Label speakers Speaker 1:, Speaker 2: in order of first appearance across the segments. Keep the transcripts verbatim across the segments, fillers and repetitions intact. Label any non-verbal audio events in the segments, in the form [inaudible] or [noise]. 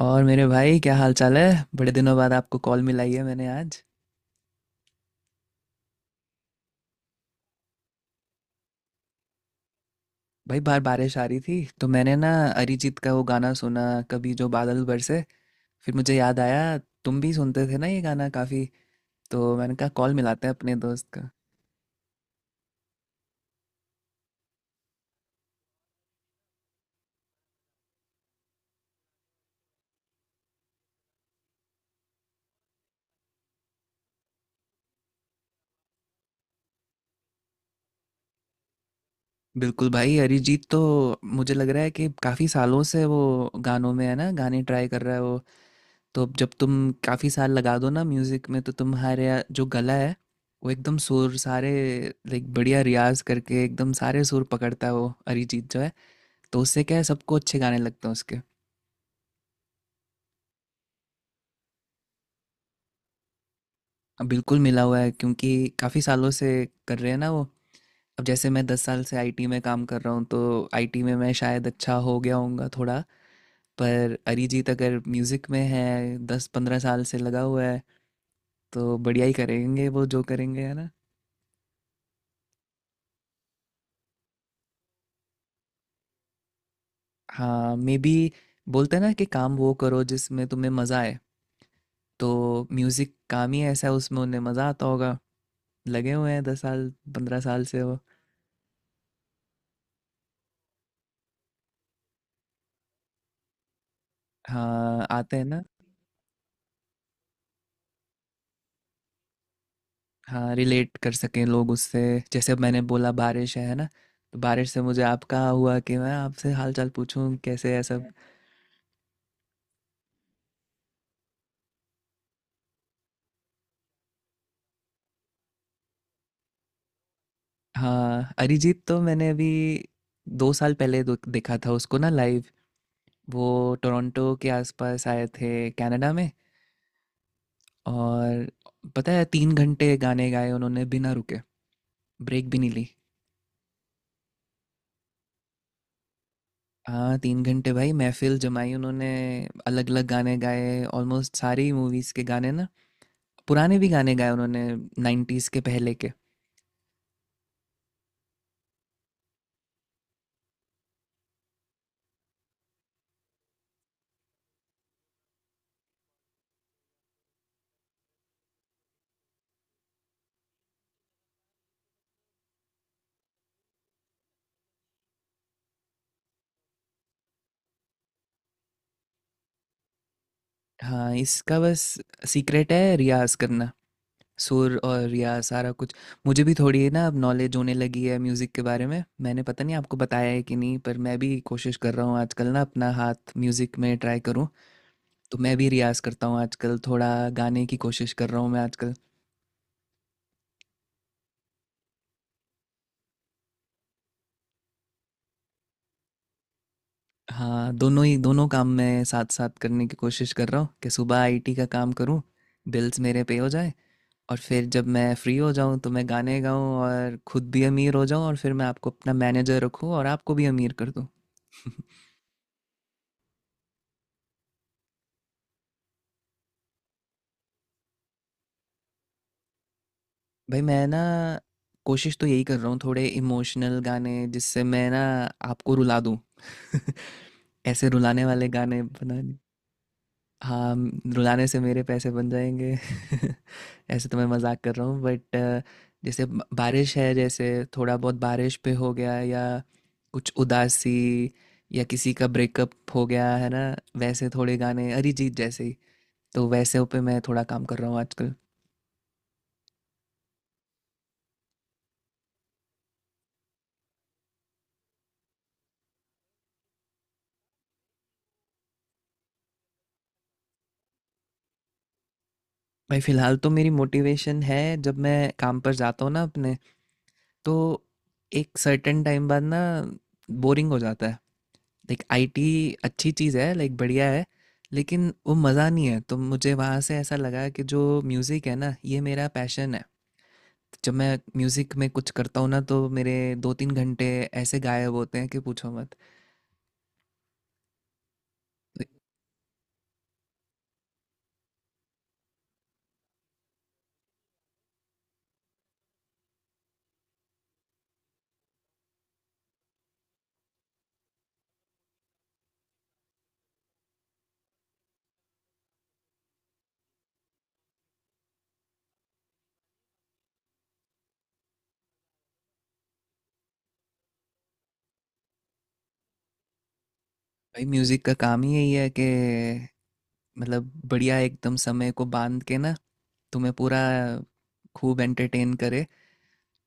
Speaker 1: और मेरे भाई, क्या हाल चाल है। बड़े दिनों बाद आपको कॉल मिलाई है मैंने आज। भाई, बाहर बारिश आ रही थी तो मैंने ना अरिजीत का वो गाना सुना, कभी जो बादल बरसे। फिर मुझे याद आया तुम भी सुनते थे ना ये गाना काफ़ी। तो मैंने कहा कॉल मिलाते हैं अपने दोस्त का। बिल्कुल भाई, अरिजीत तो मुझे लग रहा है कि काफ़ी सालों से वो गानों में है ना, गाने ट्राई कर रहा है वो। तो जब तुम काफ़ी साल लगा दो ना म्यूज़िक में तो तुम्हारे या- जो गला है वो एकदम सुर सारे। लाइक बढ़िया रियाज करके एकदम सारे सुर पकड़ता है वो अरिजीत जो है, तो उससे क्या है सबको अच्छे गाने लगते हैं उसके। अब बिल्कुल मिला हुआ है क्योंकि काफ़ी सालों से कर रहे हैं ना वो। अब जैसे मैं दस साल से आईटी में काम कर रहा हूँ तो आईटी में मैं शायद अच्छा हो गया होऊंगा थोड़ा। पर अरिजीत अगर म्यूज़िक में है दस पंद्रह साल से लगा हुआ है, तो बढ़िया ही करेंगे वो जो करेंगे है ना। हाँ, मे बी। बोलते हैं ना कि काम वो करो जिसमें तुम्हें मज़ा आए। तो म्यूज़िक काम ही ऐसा है, उसमें उन्हें मज़ा आता होगा। लगे हुए हैं दस साल, पंद्रह साल से वो। हाँ, आते हैं ना। हाँ, रिलेट कर सकें लोग उससे। जैसे अब मैंने बोला बारिश है है ना। तो बारिश से मुझे आपका हुआ कि मैं आपसे हाल चाल पूछूं कैसे है सब। हाँ, अरिजीत तो मैंने अभी दो साल पहले दो- देखा था उसको ना लाइव। वो टोरंटो के आसपास आए थे कनाडा में। और पता है तीन घंटे गाने गाए उन्होंने बिना रुके, ब्रेक भी नहीं ली। हाँ, तीन घंटे भाई महफ़िल जमाई उन्होंने, अलग-अलग गाने गाए, ऑलमोस्ट सारी मूवीज़ के गाने ना। पुराने भी गाने गाए उन्होंने नाइंटीज़ के पहले के। हाँ, इसका बस सीक्रेट है रियाज़ करना, सुर और रियाज़ सारा कुछ। मुझे भी थोड़ी ना अब नॉलेज होने लगी है म्यूज़िक के बारे में। मैंने पता नहीं आपको बताया है कि नहीं, पर मैं भी कोशिश कर रहा हूँ आजकल ना अपना हाथ म्यूज़िक में ट्राई करूँ। तो मैं भी रियाज़ करता हूँ आजकल, थोड़ा गाने की कोशिश कर रहा हूँ मैं आजकल। हाँ, दोनों ही दोनों काम मैं साथ-साथ करने की कोशिश कर रहा हूँ कि सुबह आईटी का काम करूँ, बिल्स मेरे पे हो जाएँ और फिर जब मैं फ्री हो जाऊँ तो मैं गाने गाऊँ और खुद भी अमीर हो जाऊँ और फिर मैं आपको अपना मैनेजर रखूँ और आपको भी अमीर कर दूँ। [laughs] भई, मैं ना कोशिश तो यही कर रहा हूँ थोड़े इमोशनल गाने जिससे मैं ना आपको रुला दूँ। [laughs] ऐसे रुलाने वाले गाने बनाने। हाँ, रुलाने से मेरे पैसे बन जाएंगे। [laughs] ऐसे तो मैं मजाक कर रहा हूँ बट जैसे ब- बारिश है, जैसे थोड़ा बहुत बारिश पे हो गया, या कुछ उदासी, या किसी का ब्रेकअप हो गया है ना, वैसे थोड़े गाने अरिजीत जैसे ही। तो वैसे पे मैं थोड़ा काम कर रहा हूँ आजकल। भाई, फिलहाल तो मेरी मोटिवेशन है जब मैं काम पर जाता हूँ ना अपने, तो एक सर्टेन टाइम बाद ना बोरिंग हो जाता है। लाइक आईटी अच्छी चीज़ है, लाइक बढ़िया है, लेकिन वो मज़ा नहीं है। तो मुझे वहाँ से ऐसा लगा कि जो म्यूज़िक है ना ये मेरा पैशन है। जब मैं म्यूज़िक में कुछ करता हूँ ना तो मेरे दो तीन घंटे ऐसे गायब होते हैं कि पूछो मत। तो भाई, म्यूज़िक का काम ही यही है कि, मतलब, बढ़िया एकदम समय को बांध के ना तुम्हें पूरा खूब एंटरटेन करे।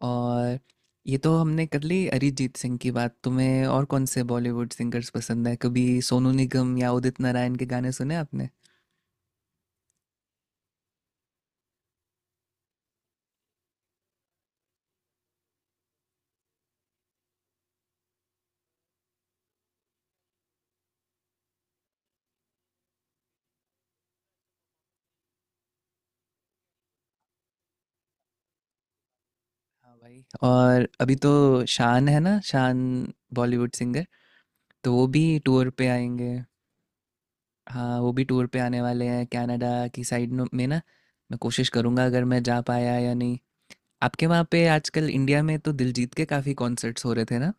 Speaker 1: और ये तो हमने कर ली अरिजीत सिंह की बात। तुम्हें और कौन से बॉलीवुड सिंगर्स पसंद है? कभी सोनू निगम या उदित नारायण के गाने सुने आपने? हाँ भाई, और अभी तो शान है ना, शान बॉलीवुड सिंगर, तो वो भी टूर पे आएंगे। हाँ, वो भी टूर पे आने वाले हैं कनाडा की साइड नो- में ना। मैं कोशिश करूँगा अगर मैं जा पाया या नहीं। आपके वहाँ पे आजकल इंडिया में तो दिलजीत के काफ़ी कॉन्सर्ट्स हो रहे थे ना।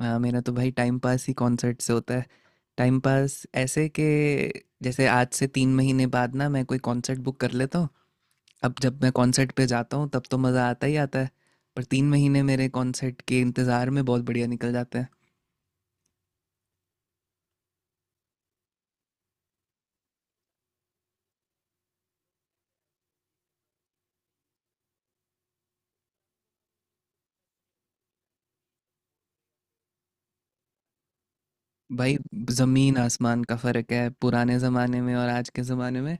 Speaker 1: हाँ, मेरा तो भाई टाइम पास ही कॉन्सर्ट से होता है। टाइम पास ऐसे के जैसे आज से तीन महीने बाद ना मैं कोई कॉन्सर्ट बुक कर लेता हूँ। अब जब मैं कॉन्सर्ट पे जाता हूँ तब तो मज़ा आता ही आता है, पर तीन महीने मेरे कॉन्सर्ट के इंतज़ार में बहुत बढ़िया निकल जाते हैं। भाई, जमीन आसमान का फर्क है पुराने जमाने में और आज के जमाने में।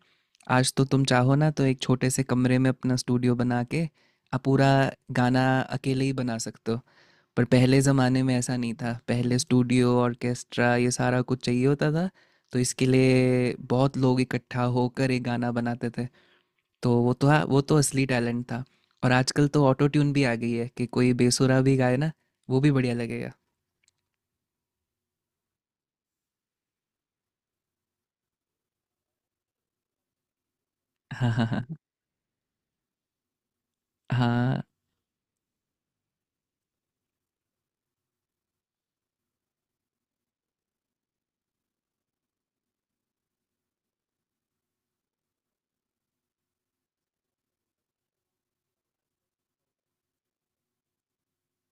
Speaker 1: आज तो तुम चाहो ना तो एक छोटे से कमरे में अपना स्टूडियो बना के आप पूरा गाना अकेले ही बना सकते हो। पर पहले जमाने में ऐसा नहीं था, पहले स्टूडियो ऑर्केस्ट्रा ये सारा कुछ चाहिए होता था, तो इसके लिए बहुत लोग इकट्ठा होकर एक गाना बनाते थे। तो वो तो, हाँ, वो तो असली टैलेंट था। और आजकल तो ऑटो ट्यून भी आ गई है कि कोई बेसुरा भी गाए ना वो भी बढ़िया लगेगा। [laughs] हाँ, हाँ। हाँ,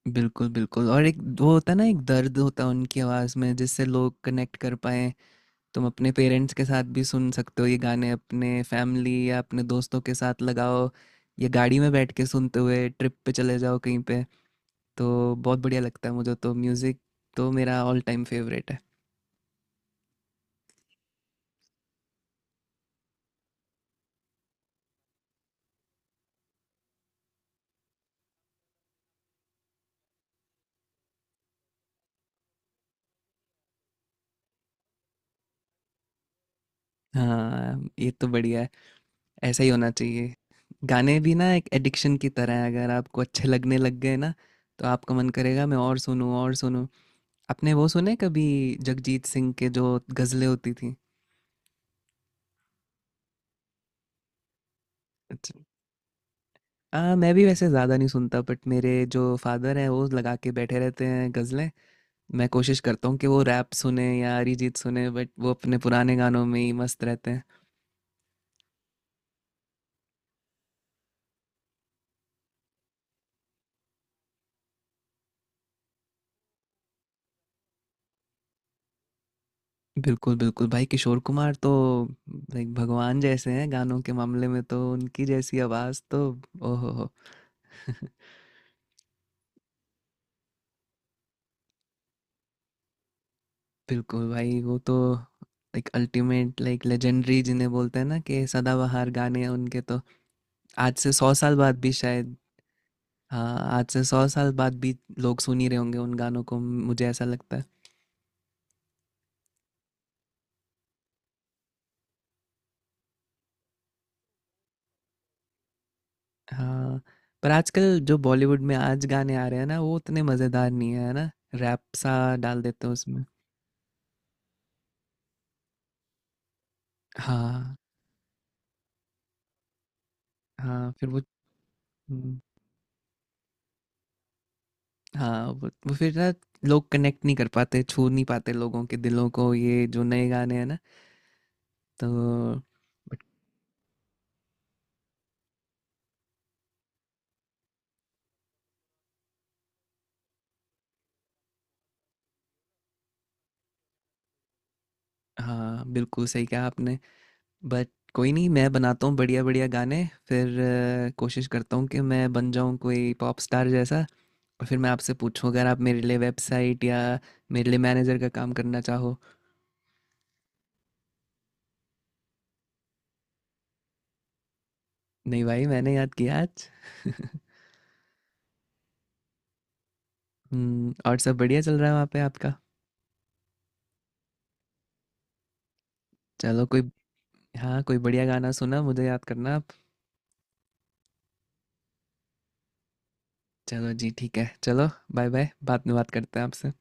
Speaker 1: बिल्कुल, बिल्कुल, और एक वो होता है ना, एक दर्द होता है उनकी आवाज़ में जिससे लोग कनेक्ट कर पाएँ। तुम अपने पेरेंट्स के साथ भी सुन सकते हो ये गाने, अपने फैमिली या अपने दोस्तों के साथ लगाओ, या गाड़ी में बैठ के सुनते हुए ट्रिप पे चले जाओ कहीं पे। तो बहुत बढ़िया लगता है मुझे, तो म्यूज़िक तो मेरा ऑल टाइम फेवरेट है। हाँ, ये तो बढ़िया है, ऐसा ही होना चाहिए। गाने भी ना एक एडिक्शन की तरह है, अगर आपको अच्छे लगने लग गए ना, तो आपका मन करेगा मैं और सुनूँ, और सुनूँ। आपने वो सुने कभी जगजीत सिंह के जो गज़लें होती थी? अच्छा। हाँ, मैं भी वैसे ज़्यादा नहीं सुनता बट मेरे जो फादर हैं वो लगा के बैठे रहते हैं गज़लें। मैं कोशिश करता हूँ कि वो रैप सुने या अरिजीत सुने, बट वो अपने पुराने गानों में ही मस्त रहते हैं। बिल्कुल बिल्कुल भाई, किशोर कुमार तो लाइक भगवान जैसे हैं गानों के मामले में, तो उनकी जैसी आवाज़ तो, ओहो हो। [laughs] बिल्कुल भाई, वो तो लाइक अल्टीमेट, लाइक लेजेंडरी जिन्हें बोलते हैं ना कि सदाबहार गाने उनके तो, आज से सौ साल बाद भी शायद। हाँ, आज से सौ साल बाद भी लोग सुन ही रहे होंगे उन गानों को मुझे ऐसा लगता है। हाँ, पर आजकल जो बॉलीवुड में आज गाने आ रहे हैं ना वो उतने मज़ेदार नहीं है, है ना, रैप सा डाल देते हैं उसमें। हाँ, हाँ, फिर वो। हम्म, हाँ, वो, वो फिर ना लोग कनेक्ट नहीं कर पाते छू नहीं पाते लोगों के दिलों को ये जो नए गाने हैं ना, तो बट। हाँ, बिल्कुल सही कहा आपने। बट कोई नहीं, मैं बनाता हूँ बढ़िया बढ़िया गाने। फिर अ, कोशिश करता हूँ कि मैं बन जाऊँ कोई पॉप स्टार जैसा, और फिर मैं आपसे पूछूँ अगर आप मेरे लिए वेबसाइट या मेरे लिए मैनेजर का काम करना चाहो। नहीं भाई, मैंने याद किया आज। [laughs] हम्म, और सब बढ़िया चल रहा है वहाँ पे आपका? चलो कोई। हाँ, कोई बढ़िया गाना सुना मुझे याद करना आप। चलो जी, ठीक है, चलो। बाय बाय, बाद में बात करते हैं आपसे।